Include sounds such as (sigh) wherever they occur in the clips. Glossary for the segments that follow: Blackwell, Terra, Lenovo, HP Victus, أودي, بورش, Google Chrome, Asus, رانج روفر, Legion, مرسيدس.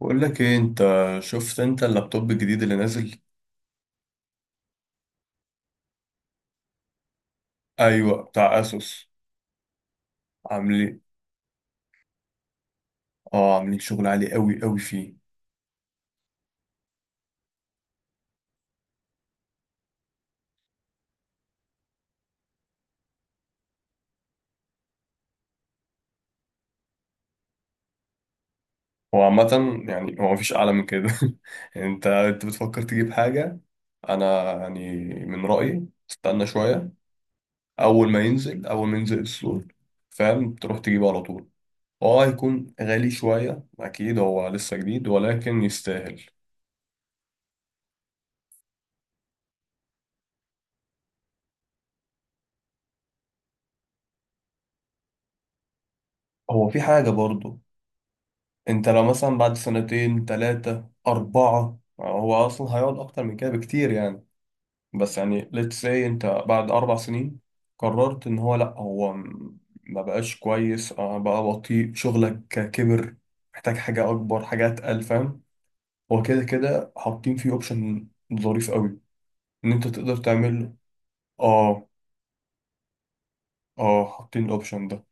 بقول لك ايه انت؟ شفت انت اللابتوب الجديد اللي نازل؟ ايوه، بتاع اسوس. عاملين، اه عاملين شغل عالي قوي قوي فيه. هو عامه يعني هو مفيش اعلى من كده. (laughs) يعني انت بتفكر تجيب حاجه؟ انا يعني من رايي استنى شويه، اول ما ينزل السوق، فاهم؟ تروح تجيبه على طول. هو هيكون غالي شويه اكيد، هو لسه جديد، ولكن يستاهل. هو في حاجه برضه، انت لو مثلا بعد سنتين تلاتة أربعة، هو أصلا هيقعد أكتر من كده بكتير يعني. بس يعني let's say انت بعد أربع سنين قررت إن هو لأ، ما بقاش كويس، بقى بطيء، شغلك كبر، محتاج حاجة أكبر، حاجة أتقل، فاهم؟ هو كده كده حاطين فيه أوبشن ظريف قوي، إن أنت تقدر تعمل. آه آه، حاطين الأوبشن ده.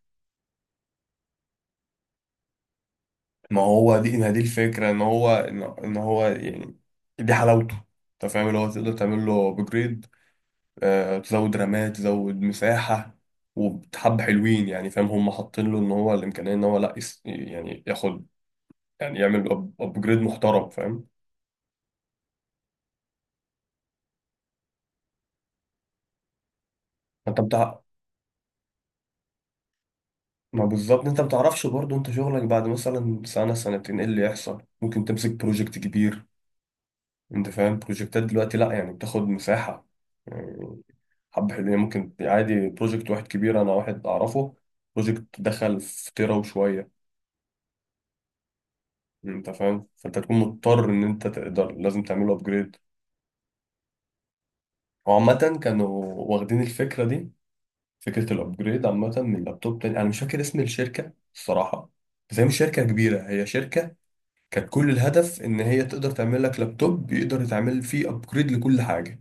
ما هو دي ما دي الفكرة، إن هو يعني دي حلاوته، انت فاهم؟ اللي هو تقدر تعمل له ابجريد، تزود رمات، تزود مساحة. وبحب حلوين يعني، فاهم؟ هم حاطين له ان هو الامكانية ان هو لا يس يعني ياخد، يعني يعمل ابجريد محترم، فاهم؟ انت بتاع، ما بالظبط انت ما بتعرفش برضه، انت شغلك بعد مثلا سنة سنتين ايه اللي يحصل، ممكن تمسك بروجكت كبير. انت فاهم بروجكتات دلوقتي؟ لا يعني بتاخد مساحة يعني. حب حلوين يعني، ممكن عادي بروجكت واحد كبير، انا واحد اعرفه بروجكت دخل في تيرا وشوية. انت فاهم؟ فانت تكون مضطر ان انت تقدر، لازم تعمله ابجريد. وعامة كانوا واخدين الفكرة دي، فكرة الأبجريد، عامة من لابتوب تاني، أنا مش فاكر اسم الشركة الصراحة، بس هي مش شركة كبيرة، هي شركة كانت كل الهدف إن هي تقدر تعمل لك لابتوب يقدر يتعمل فيه أبجريد لكل حاجة،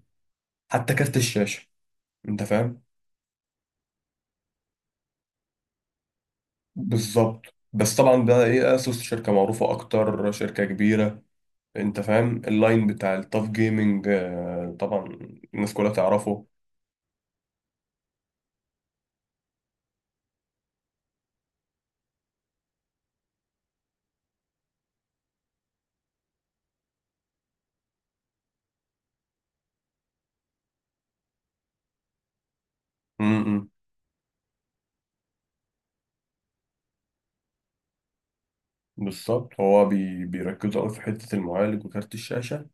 حتى كارت الشاشة. أنت فاهم؟ بالظبط. بس طبعا ده إيه، أسوس شركة معروفة أكتر، شركة كبيرة. أنت فاهم؟ اللاين بتاع التاف جيمنج، آه طبعا، الناس كلها تعرفه. م- م. بالظبط، هو بيركزوا أوي في حتة المعالج وكارت الشاشة.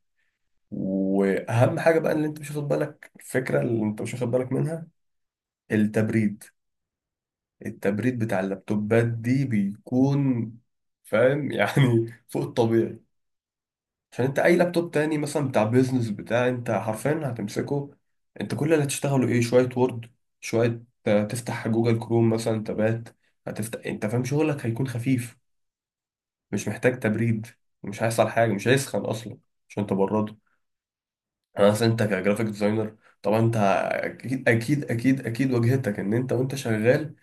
واهم حاجه بقى اللي انت مش واخد بالك، الفكره اللي انت مش واخد بالك منها، التبريد. التبريد بتاع اللابتوبات دي بيكون، فاهم، (laughs) يعني فوق الطبيعي. عشان انت اي لابتوب تاني مثلا بتاع بيزنس، بتاع انت حرفيا هتمسكه، انت كل اللي هتشتغله ايه، شويه وورد، شويه، تفتح جوجل كروم مثلا تبات، هتفتح، انت فاهم شغلك هيكون خفيف، مش محتاج تبريد، مش هيحصل حاجه، مش هيسخن اصلا عشان تبرده. انا اصلا انت كجرافيك ديزاينر طبعا انت اكيد واجهتك، ان انت وانت شغال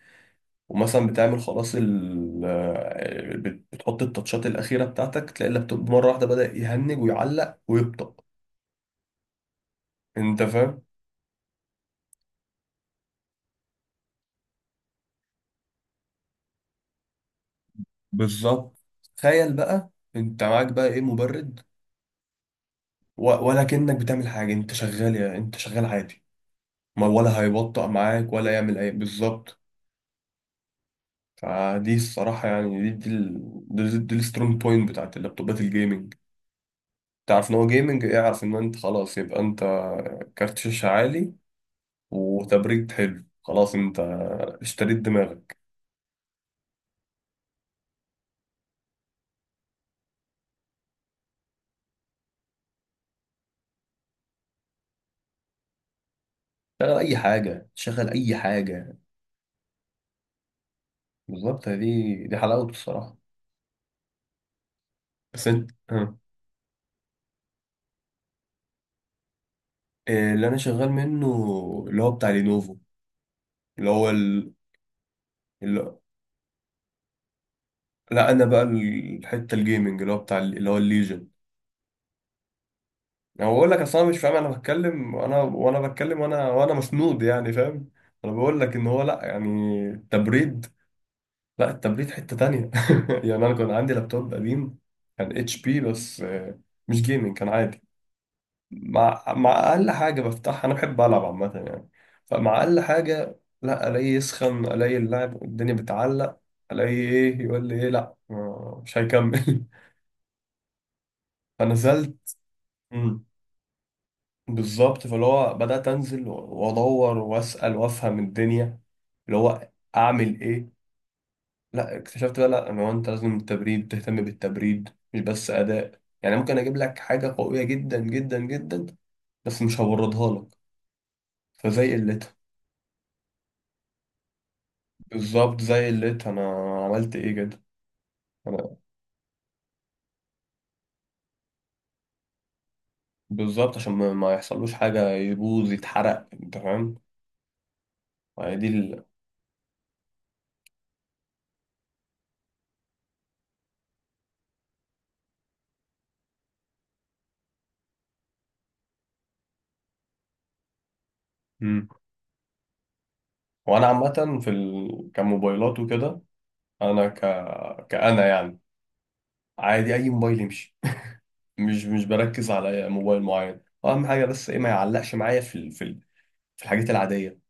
ومثلا بتعمل خلاص ال بتحط التاتشات الاخيره بتاعتك، تلاقي اللابتوب مره واحده بدأ يهنج ويعلق ويبطأ. انت فاهم؟ بالظبط. تخيل بقى، انت معاك بقى ايه، مبرد، ولا كأنك بتعمل حاجه، انت شغال، يا انت شغال عادي، ما ولا هيبطأ معاك ولا يعمل اي، بالظبط. فدي الصراحه يعني، دي دي السترونج بوينت بتاعت اللابتوبات الجيمنج. تعرف ان هو جيمنج، اعرف ان انت خلاص، يبقى انت كارت شاشة عالي وتبريد حلو، خلاص انت اشتريت دماغك. شغل اي حاجة، شغل اي حاجة. بالظبط، دي حلاوته الصراحة. بس انت، ها. إيه اللي انا شغال منه؟ اللي هو بتاع لينوفو، اللي هو ال... اللي... لا انا بقى الحتة الجيمنج، اللي هو بتاع اللي هو الليجن. انا بقول لك اصلا مش فاهم، انا بتكلم وانا بتكلم وانا مسنود يعني، فاهم؟ انا بقول لك ان هو لا يعني تبريد، لا التبريد حتة تانية. (laughs) يعني أنا كان عندي لابتوب قديم، كان اتش بي بس، مش جيمنج، كان عادي. مع أقل حاجة بفتحها، أنا بحب ألعب عامة يعني، فمع أقل حاجة لا، ألاقي يسخن، ألاقي اللعب الدنيا بتعلق، ألاقي إيه، يقول لي إيه لا، مش هيكمل. (laughs) فنزلت، مم، بالظبط، فاللي هو بدأت أنزل وأدور وأسأل وأفهم الدنيا، اللي هو أعمل إيه. لا اكتشفت بقى لا ان هو انت لازم التبريد، تهتم بالتبريد، مش بس اداء يعني. ممكن اجيب لك حاجه قويه جدا، بس مش هوردها لك، فزي قلتها. بالظبط زي قلتها انا، عملت ايه كده، انا بالظبط عشان ما يحصلوش حاجه، يبوظ يتحرق، انت فاهم؟ يعني دي ال... مم. وانا عامه في ال... كموبايلات وكده، انا ك، كأنا يعني عادي، اي موبايل يمشي. مش بركز على موبايل معين، اهم حاجه بس ايه، ما يعلقش معايا في ال... في ال... في الحاجات العاديه.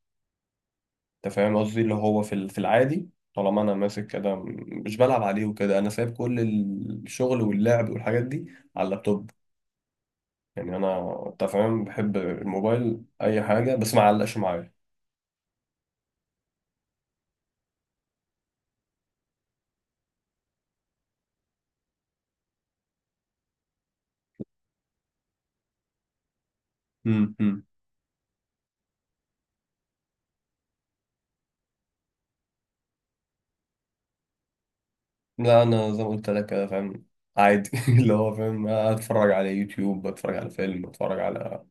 انت فاهم قصدي؟ اللي هو في في العادي، طالما انا ماسك كده مش بلعب عليه وكده، انا سايب كل الشغل واللعب والحاجات دي على اللابتوب يعني. انا انت فاهم، بحب الموبايل اي حاجه، بس ما علقش معايا. مم، مم. لا انا زي ما قلت لك كده، فاهم عادي، (laughs) اللي هو فاهم، اتفرج على يوتيوب، بتفرج على فيلم، بتفرج على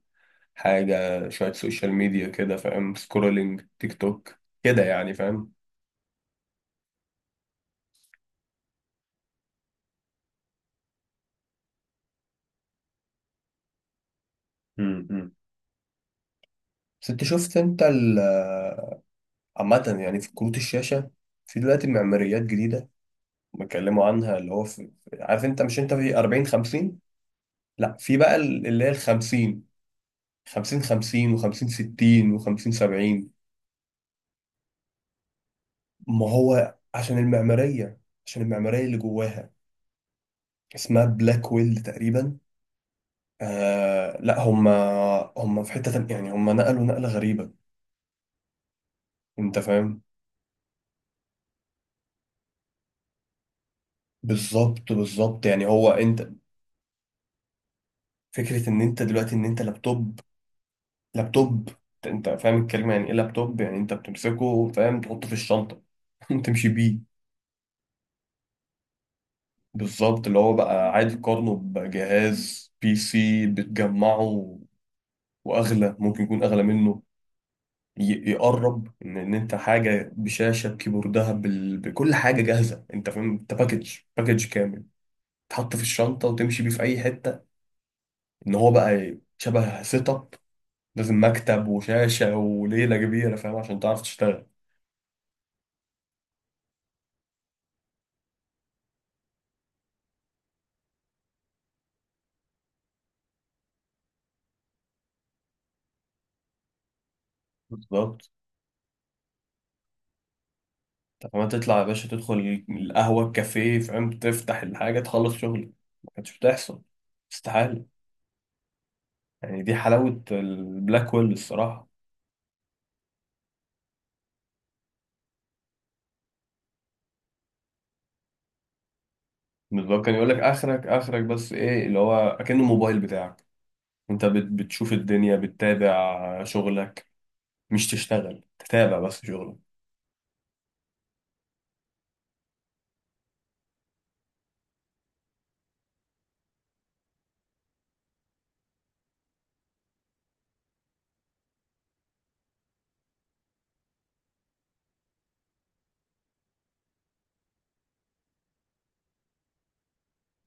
حاجه، شويه سوشيال ميديا كده، فاهم، سكرولينج تيك توك كده، يعني فاهم. مم، مم. بس انت شفت انت عامة يعني في كروت الشاشة، في دلوقتي معماريات جديدة بيتكلموا عنها، اللي هو في عارف انت مش، انت في 40 50، لا في بقى اللي هي ال 50، 50 50 و50 60 و50 70. ما هو عشان المعمارية، اللي جواها اسمها بلاك ويل تقريبا. آه لا هم، هم في حتة تانية يعني، هم نقلوا نقلة غريبة. انت فاهم؟ بالظبط يعني هو انت، فكرة ان انت دلوقتي ان انت لابتوب، لابتوب انت فاهم الكلمة يعني ايه لابتوب، يعني انت بتمسكه، فاهم، تحطه في الشنطة، (laughs) تمشي بيه. بالظبط، اللي هو بقى عادي تقارنه بجهاز بي سي بتجمعه، واغلى ممكن يكون اغلى منه، يقرب ان انت حاجة بشاشة بكيبوردها بال... بكل حاجة جاهزة. انت فاهم؟ انت باكج، باكج كامل، تحط في الشنطة وتمشي بيه في اي حتة. ان هو بقى شبه سيت اب، لازم مكتب وشاشة وليلة كبيرة، فاهم، عشان تعرف تشتغل. بالظبط. طب ما تطلع يا باشا، تدخل القهوة، الكافيه فاهم، تفتح الحاجة، تخلص شغل. ما كانتش بتحصل، استحالة. يعني دي حلاوة البلاك ويل الصراحة. اللي هو كان يقول لك آخرك، آخرك بس إيه، اللي هو أكن الموبايل بتاعك، أنت بتشوف الدنيا، بتتابع شغلك، مش تشتغل، تتابع بس شغلك.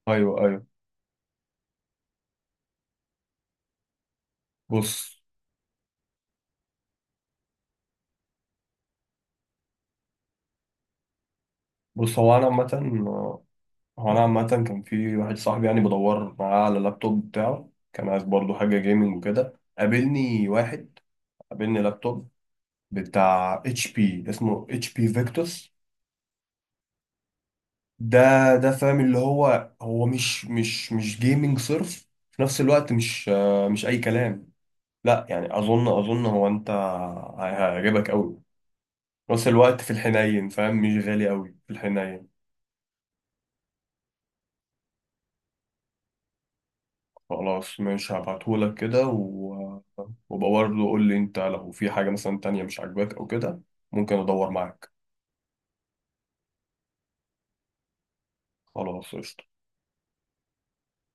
أيوه أيوه. بص. بص هو أنا عامة، كان في واحد صاحبي يعني بدور معاه على اللابتوب بتاعه، كان عايز برضه حاجة جيمنج وكده. قابلني واحد، قابلني لابتوب بتاع اتش بي، اسمه اتش بي فيكتوس ده. ده فاهم، اللي هو هو مش جيمنج صرف، في نفس الوقت مش، مش اي كلام، لا يعني اظن، اظن هو انت هيعجبك قوي. في نفس الوقت في الحنين، فاهم، مش غالي قوي في الحنين. خلاص ماشي، هبعتهولك كده و... وبقى برضه قول لي انت، لو في حاجة مثلا تانية مش عاجباك او كده، ممكن ادور معاك. خلاص قشطة.